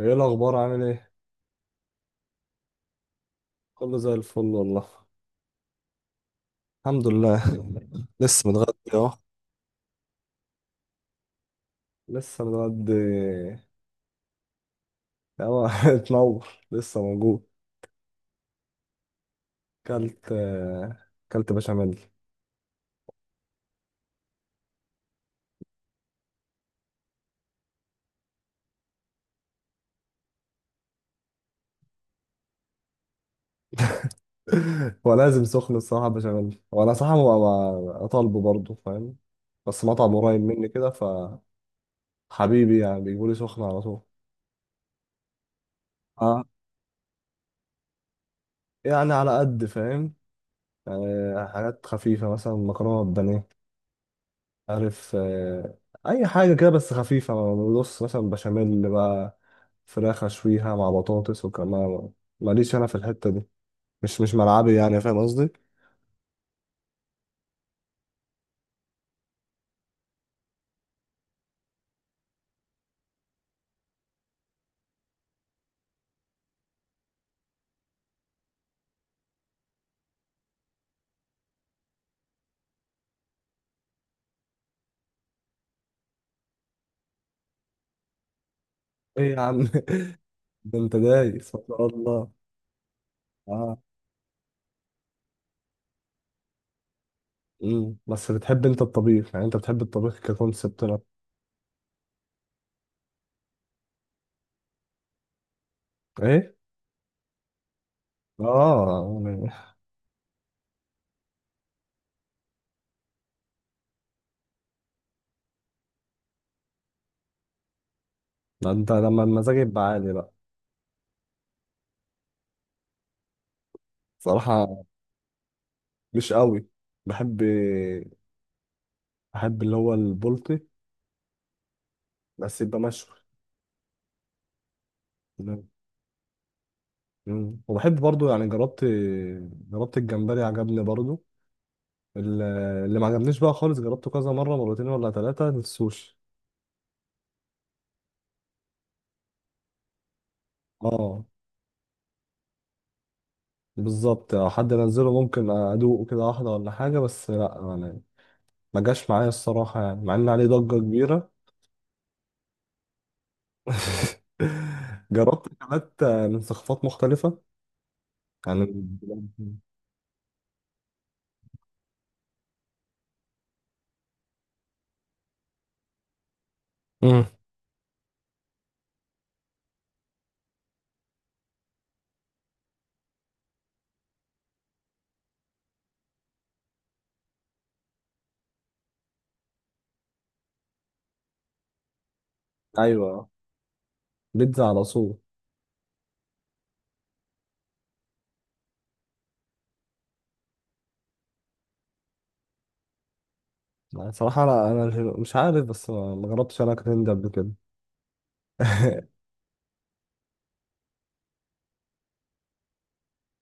ايه الاخبار؟ عامل ايه؟ كله زي الفل والله الحمد لله. لسه متغدي اهو لسه متغدي اهو. اتنور، لسه موجود. كلت آه، كلت بشاميل. هو لازم سخن الصراحه، بشاميل. وانا صراحه اطالبه برضه، فاهم؟ بس مطعم قريب مني كده. فحبيبي يعني بيجيبوا لي سخن على طول. اه، يعني على قد فاهم. يعني حاجات خفيفه مثلا مكرونه بانيه. عارف. اي حاجه كده بس خفيفه. بص مثلا بشاميل بقى، فراخ اشويها مع بطاطس وكمان. ماليش انا في الحته دي، مش ملعبي يعني، فاهم قصدي؟ ايه يا عم! ده انت دايس ما شاء الله. اه. بس بتحب انت الطبيخ، يعني انت بتحب الطبيخ ككونسبت، لا؟ ايه. اه، يعني. ده انت لما المزاج يبقى عالي بقى. صراحه، مش قوي. بحب. بحب اللي هو البلطي. بس يبقى مشوي. مم. وبحب برضو، يعني جربت. جربت الجمبري عجبني برضو. ال- اللي ما عجبنيش بقى خالص، جربته كذا مرة، مرتين ولا ثلاثة، السوشي. اه. بالظبط، لو حد نزله ممكن ادوقه كده واحدة ولا حاجة، بس لا يعني. ما جاش معايا الصراحة، يعني مع ان عليه ضجة كبيرة. جربت اكلات من ثقافات مختلفة، يعني. مم. ايوه. بيتزا على صوت. يعني صراحة، لا انا مش عارف، بس ما جربتش انا اكل هندي قبل كده.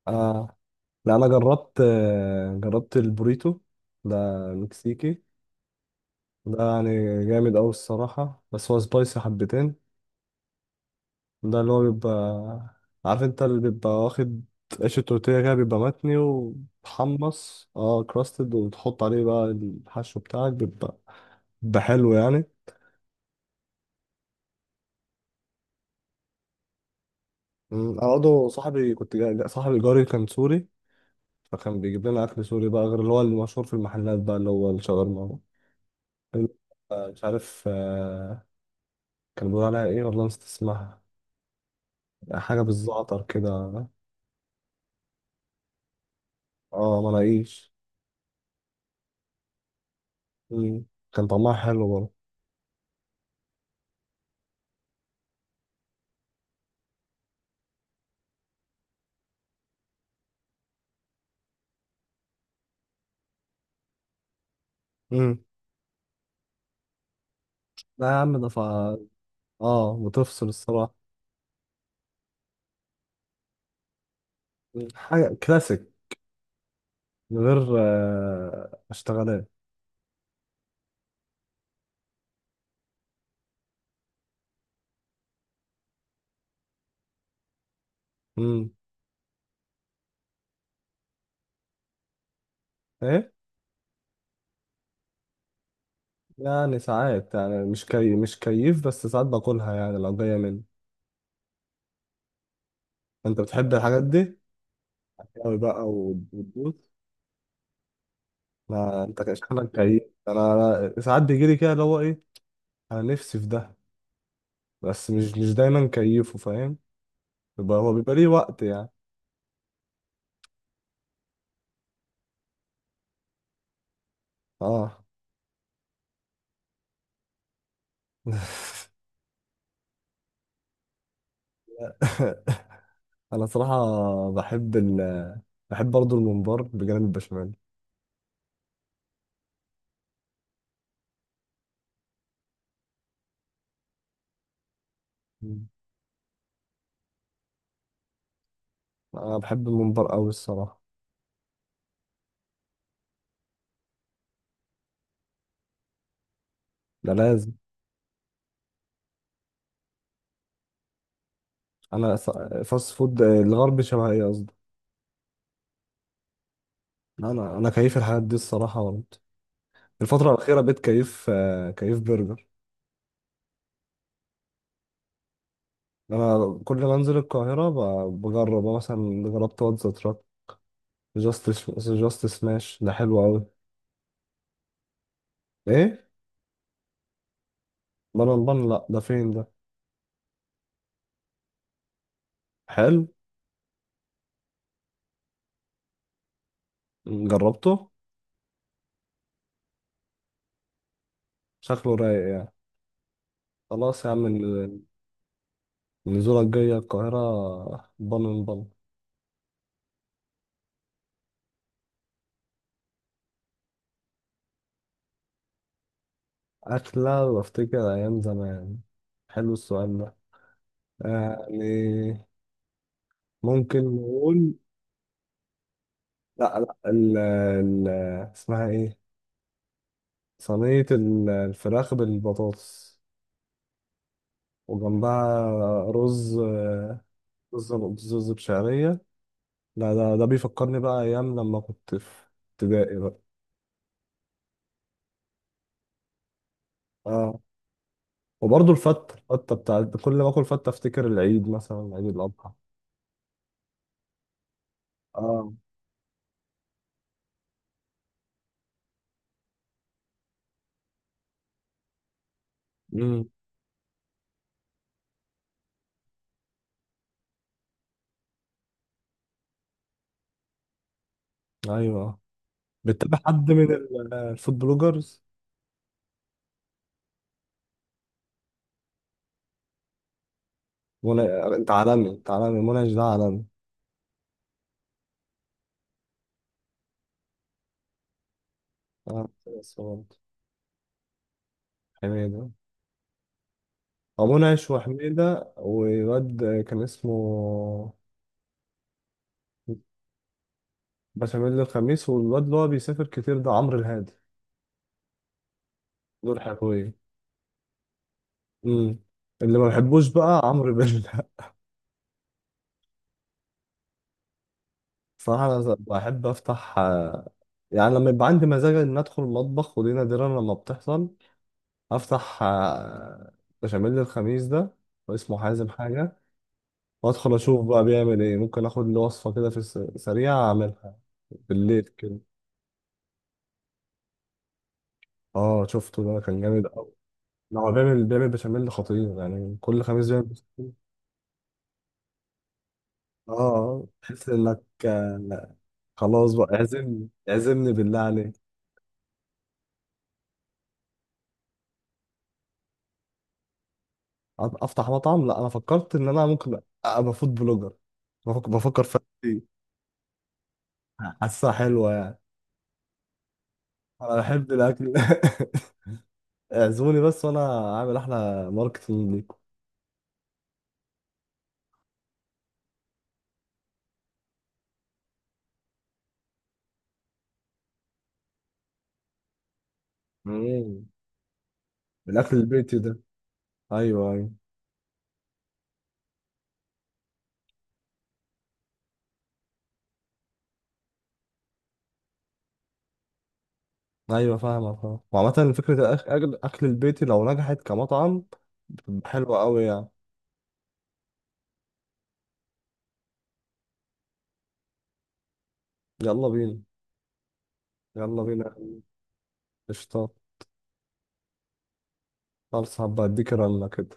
لا، انا جربت البوريتو ده، مكسيكي. ده يعني جامد أوي الصراحة، بس هو سبايسي حبتين. ده اللي هو بيبقى، عارف انت، اللي بيبقى واخد عيش التورتيه كده، بيبقى متني ومحمص، اه كراستد، وتحط عليه بقى الحشو بتاعك بيبقى، بيبقى حلو يعني. انا برضه صاحبي صاحبي جاري كان سوري. فكان بيجيب لنا اكل سوري بقى، غير اللي هو المشهور في المحلات بقى اللي هو الشاورما. اللي هو، مش عارف. كان بيقول عليها ايه، والله نسيت اسمها. حاجة بالزعتر كده. اه، مناقيش. مم. كان طعمها حلو برضه. مم. لا يا عم، ده فا. اه، بتفصل الصراحة. مم. حاجة كلاسيك. من غير اشتغالات. مم. ايه؟ يعني ساعات، يعني مش كيف، بس ساعات باكلها يعني لو جاية مني. انت بتحب الحاجات دي؟ أوي بقى، وتدوس. ما انت كده شكلك كيف، أنا ساعات بيجيلي كده اللي هو ايه. انا نفسي في ده. بس مش دايما كيفه، فاهم؟ يبقى هو بيبقى ليه وقت يعني. اه. انا صراحة، بحب ال. بحب برضه الممبار بجانب البشاميل. مم. انا بحب الممبار قوي الصراحة. ده لازم. انا ص-، فاست فود الغربي شبه ايه، قصدي؟ لا، انا كيف الحاجات دي الصراحة برضه. الفترة الأخيرة بقيت كيف برجر. انا كل ما انزل القاهرة بجرب. أنا مثلا جربت واتزا تراك. جاست، جاست سماش ده حلو قوي. ايه؟ بان بان، لا ده فين ده؟ حلو. جربته. شكله رايق يعني. خلاص يا عم ال-، النزولة الجاية القاهرة بن بن. أكلة وأفتكر أيام زمان؟ حلو السؤال ده. يعني ممكن نقول. لا، لا، ال اسمها إيه، صينية الفراخ بالبطاطس. وجنبها رز رز رز بشعرية. لا، ده بيفكرني بقى أيام لما كنت في ابتدائي بقى. آه. وبرضه الفتة بتاعت، كل ما اكل فتة افتكر العيد، مثلا عيد الأضحى. اه. امم ايوه، بتتابع حد من الفود بلوجرز؟ منى. انت عالمي، انت عالمي، منعش ده عالمي. اه. بس برضه. حميدة. او منعش وحميدة وواد كان اسمه، بشاميل الخميس. والواد اللي هو بيسافر كتير ده عمرو الهادي. دول حلوين. امم اللي ما بحبوش بقى عمرو بيلا. صراحة أنا بحب أفتح، يعني لما يبقى عندي مزاج إن أدخل المطبخ، ودي نادرا لما بتحصل. أفتح، بشاميل الخميس ده، واسمه حازم حاجة. وأدخل أشوف بقى بيعمل إيه، ممكن آخد له وصفة كده في السريع أعملها بالليل كده. آه، شفته ده كان جامد أوي. لا، هو بيعمل بشاميل خطير، يعني كل خميس بيعمل بشاميل. آه، تحس إنك خلاص بقى، اعزمني اعزمني بالله عليك. افتح مطعم؟ لا، انا فكرت ان انا ممكن ابقى فود بلوجر. بفكر في دي. حاسسها حلوه يعني. انا بحب الاكل. اعزموني بس، وانا عامل احلى ماركتنج ليكم. مم. الاكل البيتي ده. ايوه، ايوه. ايوه فاهمه، فاهم. وعامه فكره الاكل البيتي لو نجحت كمطعم بتبقى حلوه قوي يعني. يلا بينا. يلا بينا. قشطه. خلاص، هبقى اديك رنه كده.